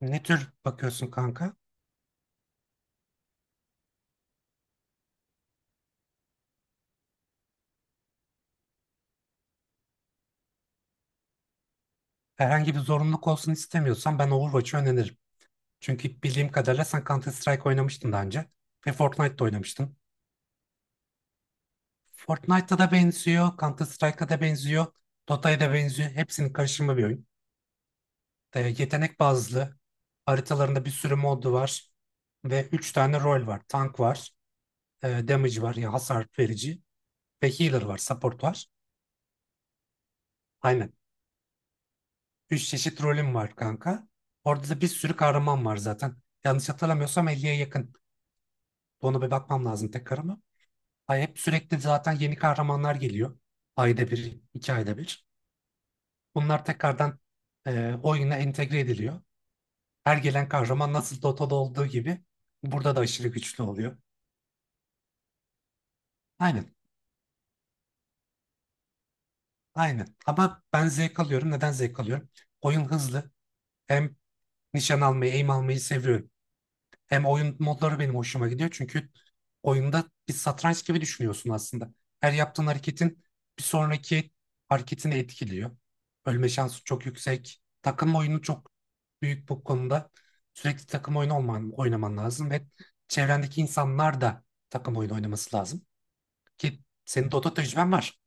Ne tür bakıyorsun kanka? Herhangi bir zorunluluk olsun istemiyorsan ben Overwatch'ı öneririm. Çünkü bildiğim kadarıyla sen Counter Strike oynamıştın daha önce. Ve Fortnite'da oynamıştın. Fortnite'da da benziyor, Counter Strike'a da benziyor, Dota'ya da benziyor. Hepsinin karışımı bir oyun. E, yetenek bazlı. Haritalarında bir sürü modu var. Ve 3 tane rol var. Tank var, damage var, yani hasar verici. Ve healer var, support var. Aynen. Üç çeşit rolüm var kanka. Orada da bir sürü kahraman var zaten. Yanlış hatırlamıyorsam 50'ye yakın. Ona bir bakmam lazım tekrar ama. Ay hep sürekli zaten yeni kahramanlar geliyor. Ayda bir, iki ayda bir. Bunlar tekrardan oyuna entegre ediliyor. Her gelen kahraman nasıl Dota'da olduğu gibi burada da aşırı güçlü oluyor. Aynen, aynen. Ama ben zevk alıyorum. Neden zevk alıyorum? Oyun hızlı. Hem nişan almayı, aim almayı seviyorum. Hem oyun modları benim hoşuma gidiyor çünkü oyunda bir satranç gibi düşünüyorsun aslında. Her yaptığın hareketin bir sonraki hareketini etkiliyor. Ölme şansı çok yüksek. Takım oyunu çok büyük bu konuda. Sürekli takım oyunu olman, oynaman lazım ve çevrendeki insanlar da takım oyunu oynaması lazım. Ki senin Dota tecrüben var.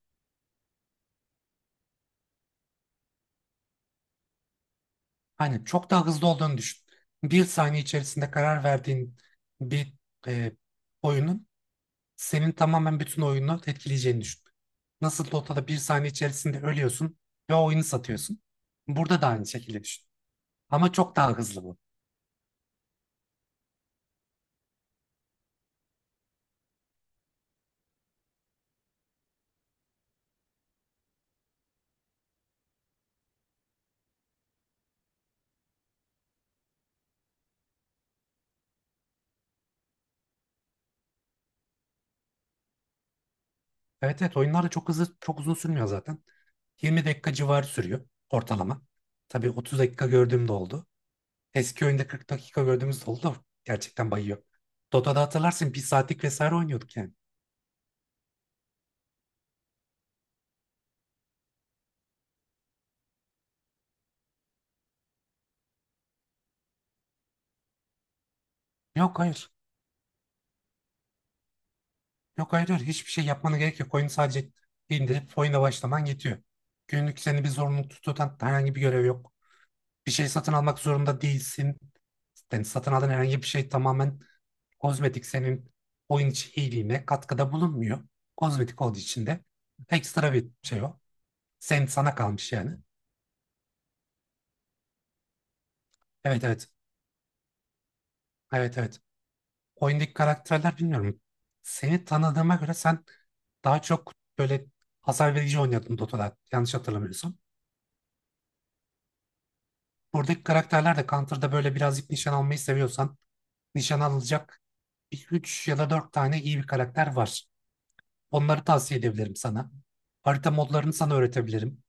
Aynen çok daha hızlı olduğunu düşün. Bir saniye içerisinde karar verdiğin bir e, oyunun senin tamamen bütün oyunu etkileyeceğini düşün. Nasıl Dota'da bir saniye içerisinde ölüyorsun ve o oyunu satıyorsun. Burada da aynı şekilde düşün. Ama çok daha hızlı bu. Evet evet, oyunlar da çok hızlı, çok uzun sürmüyor zaten. 20 dakika civarı sürüyor ortalama. Tabii 30 dakika gördüğüm de oldu. Eski oyunda 40 dakika gördüğümüz de oldu da gerçekten bayıyor. Dota'da hatırlarsın bir saatlik vesaire oynuyorduk yani. Yok, hayır. Yok hayır, hayır, hiçbir şey yapmana gerek yok. Oyunu sadece indirip oyuna başlaman yetiyor. Günlük seni bir zorunlu tutan herhangi bir görev yok. Bir şey satın almak zorunda değilsin. Yani satın aldığın herhangi bir şey tamamen kozmetik, senin oyun içi iyiliğine katkıda bulunmuyor. Kozmetik olduğu için de ekstra bir şey o. Sen sana kalmış yani. Evet, evet. Evet, evet. Oyundaki karakterler bilmiyorum. Seni tanıdığıma göre sen daha çok böyle hasar verici oynuyordun Dota'da. Yanlış hatırlamıyorsam. Buradaki karakterler de Counter'da böyle birazcık nişan almayı seviyorsan nişan alacak 3 ya da 4 tane iyi bir karakter var. Onları tavsiye edebilirim sana. Harita modlarını sana öğretebilirim.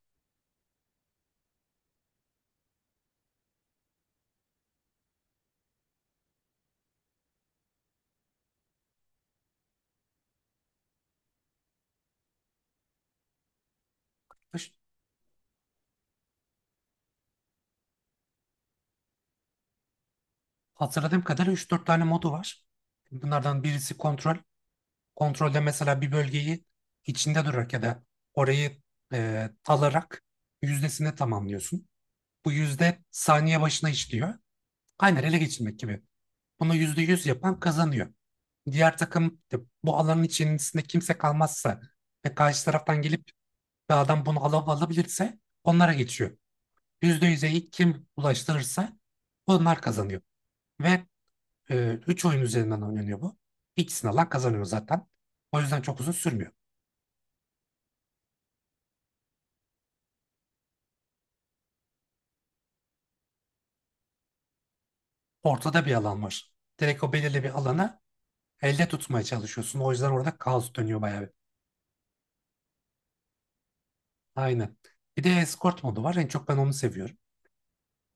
Üç- Hatırladığım kadarıyla 3-4 tane modu var. Bunlardan birisi kontrol, kontrolde mesela bir bölgeyi içinde durarak ya da orayı talarak yüzdesini tamamlıyorsun. Bu yüzde saniye başına işliyor. Aynen, ele geçirmek gibi. Bunu yüzde yüz yapan kazanıyor. Diğer takım de bu alanın içerisinde kimse kalmazsa ve karşı taraftan gelip bir adam bunu alıp alabilirse onlara geçiyor. Yüzde yüze ilk kim ulaştırırsa onlar kazanıyor. Ve üç oyun üzerinden oynanıyor bu. İkisini alan kazanıyor zaten. O yüzden çok uzun sürmüyor. Ortada bir alan var. Direkt o belirli bir alana elde tutmaya çalışıyorsun. O yüzden orada kaos dönüyor bayağı bir. Aynen. Bir de escort modu var. En çok ben onu seviyorum.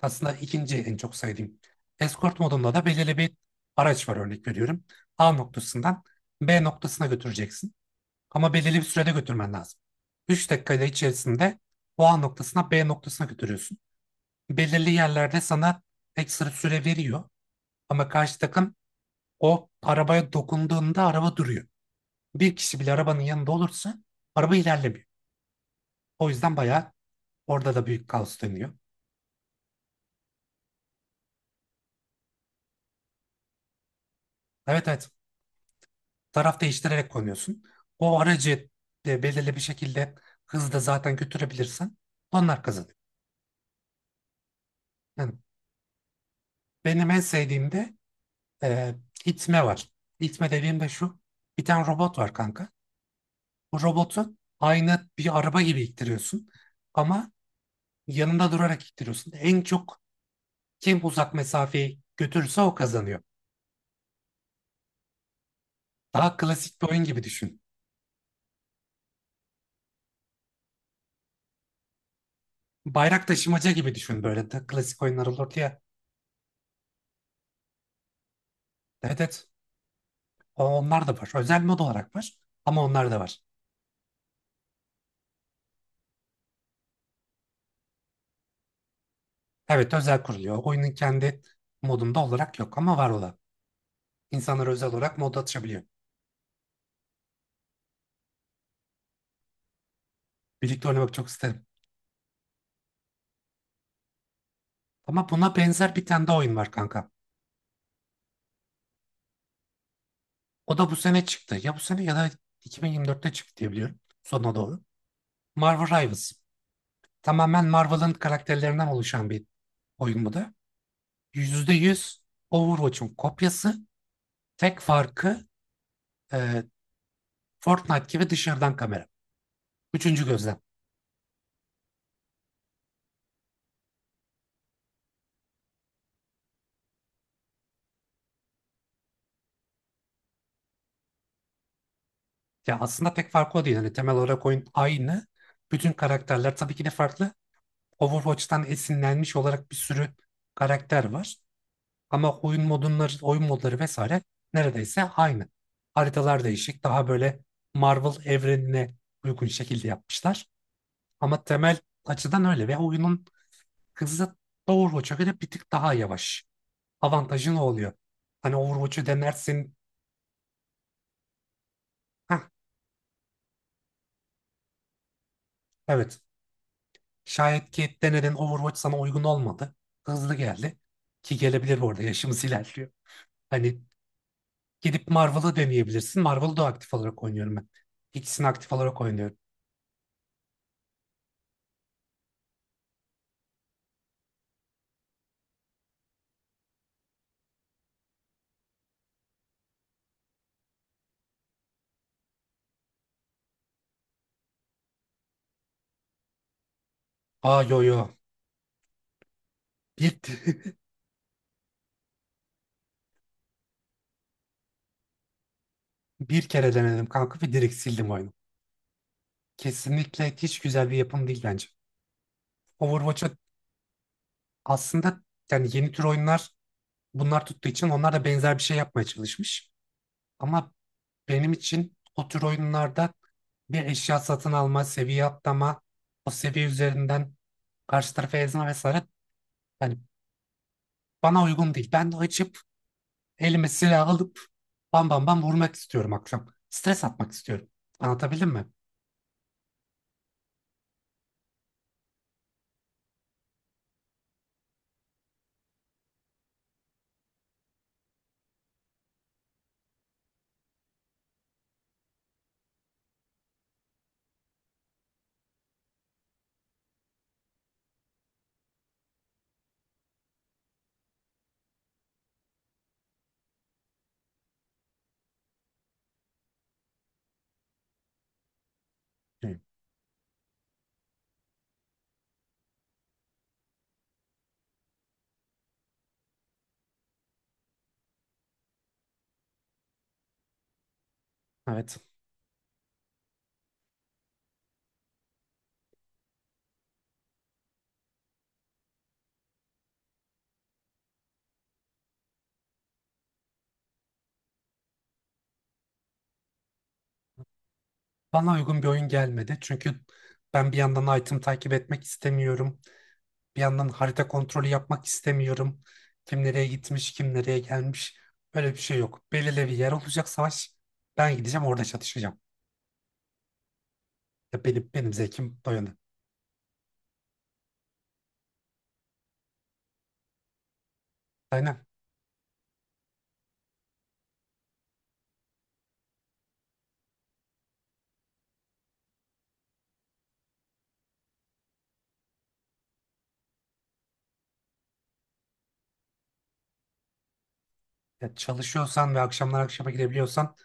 Aslında ikinci en çok sevdiğim. Escort modunda da belirli bir araç var, örnek veriyorum. A noktasından B noktasına götüreceksin. Ama belirli bir sürede götürmen lazım. 3 dakikayla içerisinde o A noktasına B noktasına götürüyorsun. Belirli yerlerde sana ekstra süre veriyor. Ama karşı takım o arabaya dokunduğunda araba duruyor. Bir kişi bile arabanın yanında olursa araba ilerlemiyor. O yüzden bayağı orada da büyük kaos dönüyor. Evet, evet. Taraf değiştirerek konuyorsun. O aracı de belirli bir şekilde hızda zaten götürebilirsen onlar kazanıyor. Yani benim en sevdiğim de e, itme var. İtme dediğim de şu. Bir tane robot var kanka. Bu robotu aynı bir araba gibi ittiriyorsun. Ama yanında durarak ittiriyorsun. En çok kim uzak mesafeyi götürürse o kazanıyor. Daha klasik bir oyun gibi düşün. Bayrak taşımaca gibi düşün, böyle de klasik oyunlar olurdu ya. Evet, evet. Onlar da var. Özel mod olarak var. Ama onlar da var. Evet, özel kuruluyor. Oyunun kendi modunda olarak yok ama var olan. İnsanlar özel olarak mod atışabiliyor. Birlikte oynamak çok isterim. Ama buna benzer bir tane daha oyun var kanka. O da bu sene çıktı. Ya bu sene ya da 2024'te çıktı diye biliyorum. Sonuna doğru. Marvel Rivals. Tamamen Marvel'ın karakterlerinden oluşan bir oyun bu da. Yüzde yüz Overwatch'un kopyası. Tek farkı e, Fortnite gibi dışarıdan kamera. Üçüncü gözlem. Ya aslında pek farkı o değil. Hani temel olarak oyun aynı. Bütün karakterler tabii ki de farklı. Overwatch'tan esinlenmiş olarak bir sürü karakter var. Ama oyun modunları, oyun modları vesaire neredeyse aynı. Haritalar değişik. Daha böyle Marvel evrenine uygun şekilde yapmışlar. Ama temel açıdan öyle ve oyunun hızı Overwatch'a göre bir tık daha yavaş. Avantajı ne oluyor? Hani Overwatch'u denersin. Hah, evet. Şayet Cade Denner'in Overwatch sana uygun olmadı. Hızlı geldi. Ki gelebilir, bu arada yaşımız ilerliyor. Hani gidip Marvel'ı deneyebilirsin. Marvel'ı da aktif olarak oynuyorum ben. İkisini aktif olarak oynuyorum. Aa, yo yo. Bir, bir kere denedim kanka ve direkt sildim oyunu. Kesinlikle hiç güzel bir yapım değil bence. Overwatch'a aslında, yani yeni tür oyunlar bunlar tuttuğu için onlar da benzer bir şey yapmaya çalışmış. Ama benim için o tür oyunlarda bir eşya satın alma, seviye atlama, o seviye üzerinden karşı tarafa ezme vesaire, yani bana uygun değil. Ben de açıp elime silah alıp bam bam bam vurmak istiyorum akşam. Stres atmak istiyorum. Anlatabildim mi? Evet. Evet. Bana uygun bir oyun gelmedi. Çünkü ben bir yandan item takip etmek istemiyorum. Bir yandan harita kontrolü yapmak istemiyorum. Kim nereye gitmiş, kim nereye gelmiş. Böyle bir şey yok. Belirli bir yer olacak savaş. Ben gideceğim orada çatışacağım. Ya benim zevkim bu yönde. Aynen. Ya çalışıyorsan ve akşamlar akşama girebiliyorsan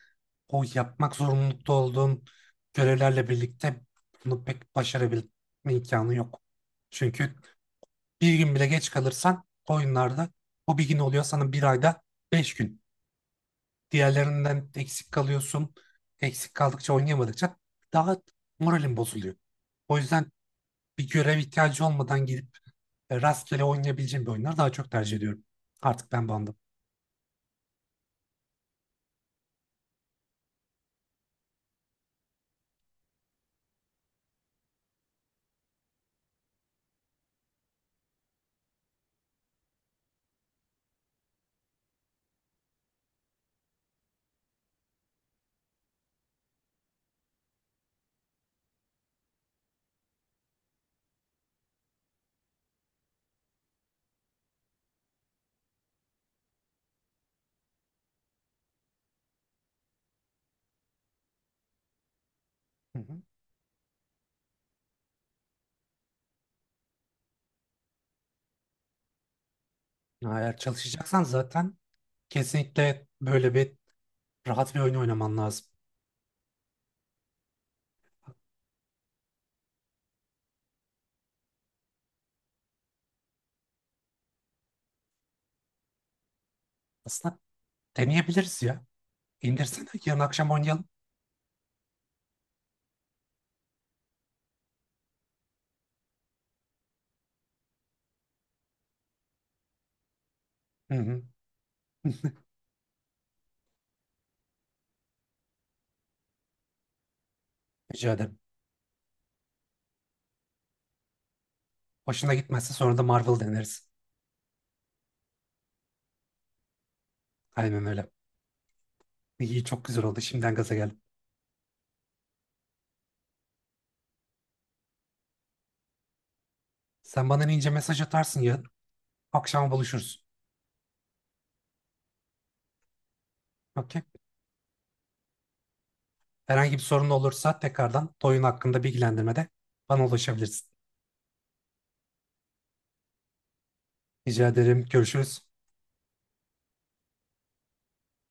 o yapmak zorunlulukta olduğun görevlerle birlikte bunu pek başarabilme imkanı yok. Çünkü bir gün bile geç kalırsan oyunlarda o bir gün oluyor sana bir ayda 5 gün. Diğerlerinden eksik kalıyorsun. Eksik kaldıkça, oynayamadıkça daha moralin bozuluyor. O yüzden bir görev ihtiyacı olmadan gidip rastgele oynayabileceğim bir oyunları daha çok tercih ediyorum. Artık ben bandım. Hı hı. Eğer çalışacaksan zaten kesinlikle böyle bir rahat bir oyun oynaman lazım. Aslında deneyebiliriz ya. İndirsene, yarın akşam oynayalım. Hı hı. Rica ederim. Hoşuna gitmezse sonra da Marvel deneriz. Aynen öyle. İyi, çok güzel oldu. Şimdiden gaza geldim. Sen bana ince mesaj atarsın ya. Akşama buluşuruz. Okey. Herhangi bir sorun olursa tekrardan oyun hakkında bilgilendirmede bana ulaşabilirsin. Rica ederim. Görüşürüz.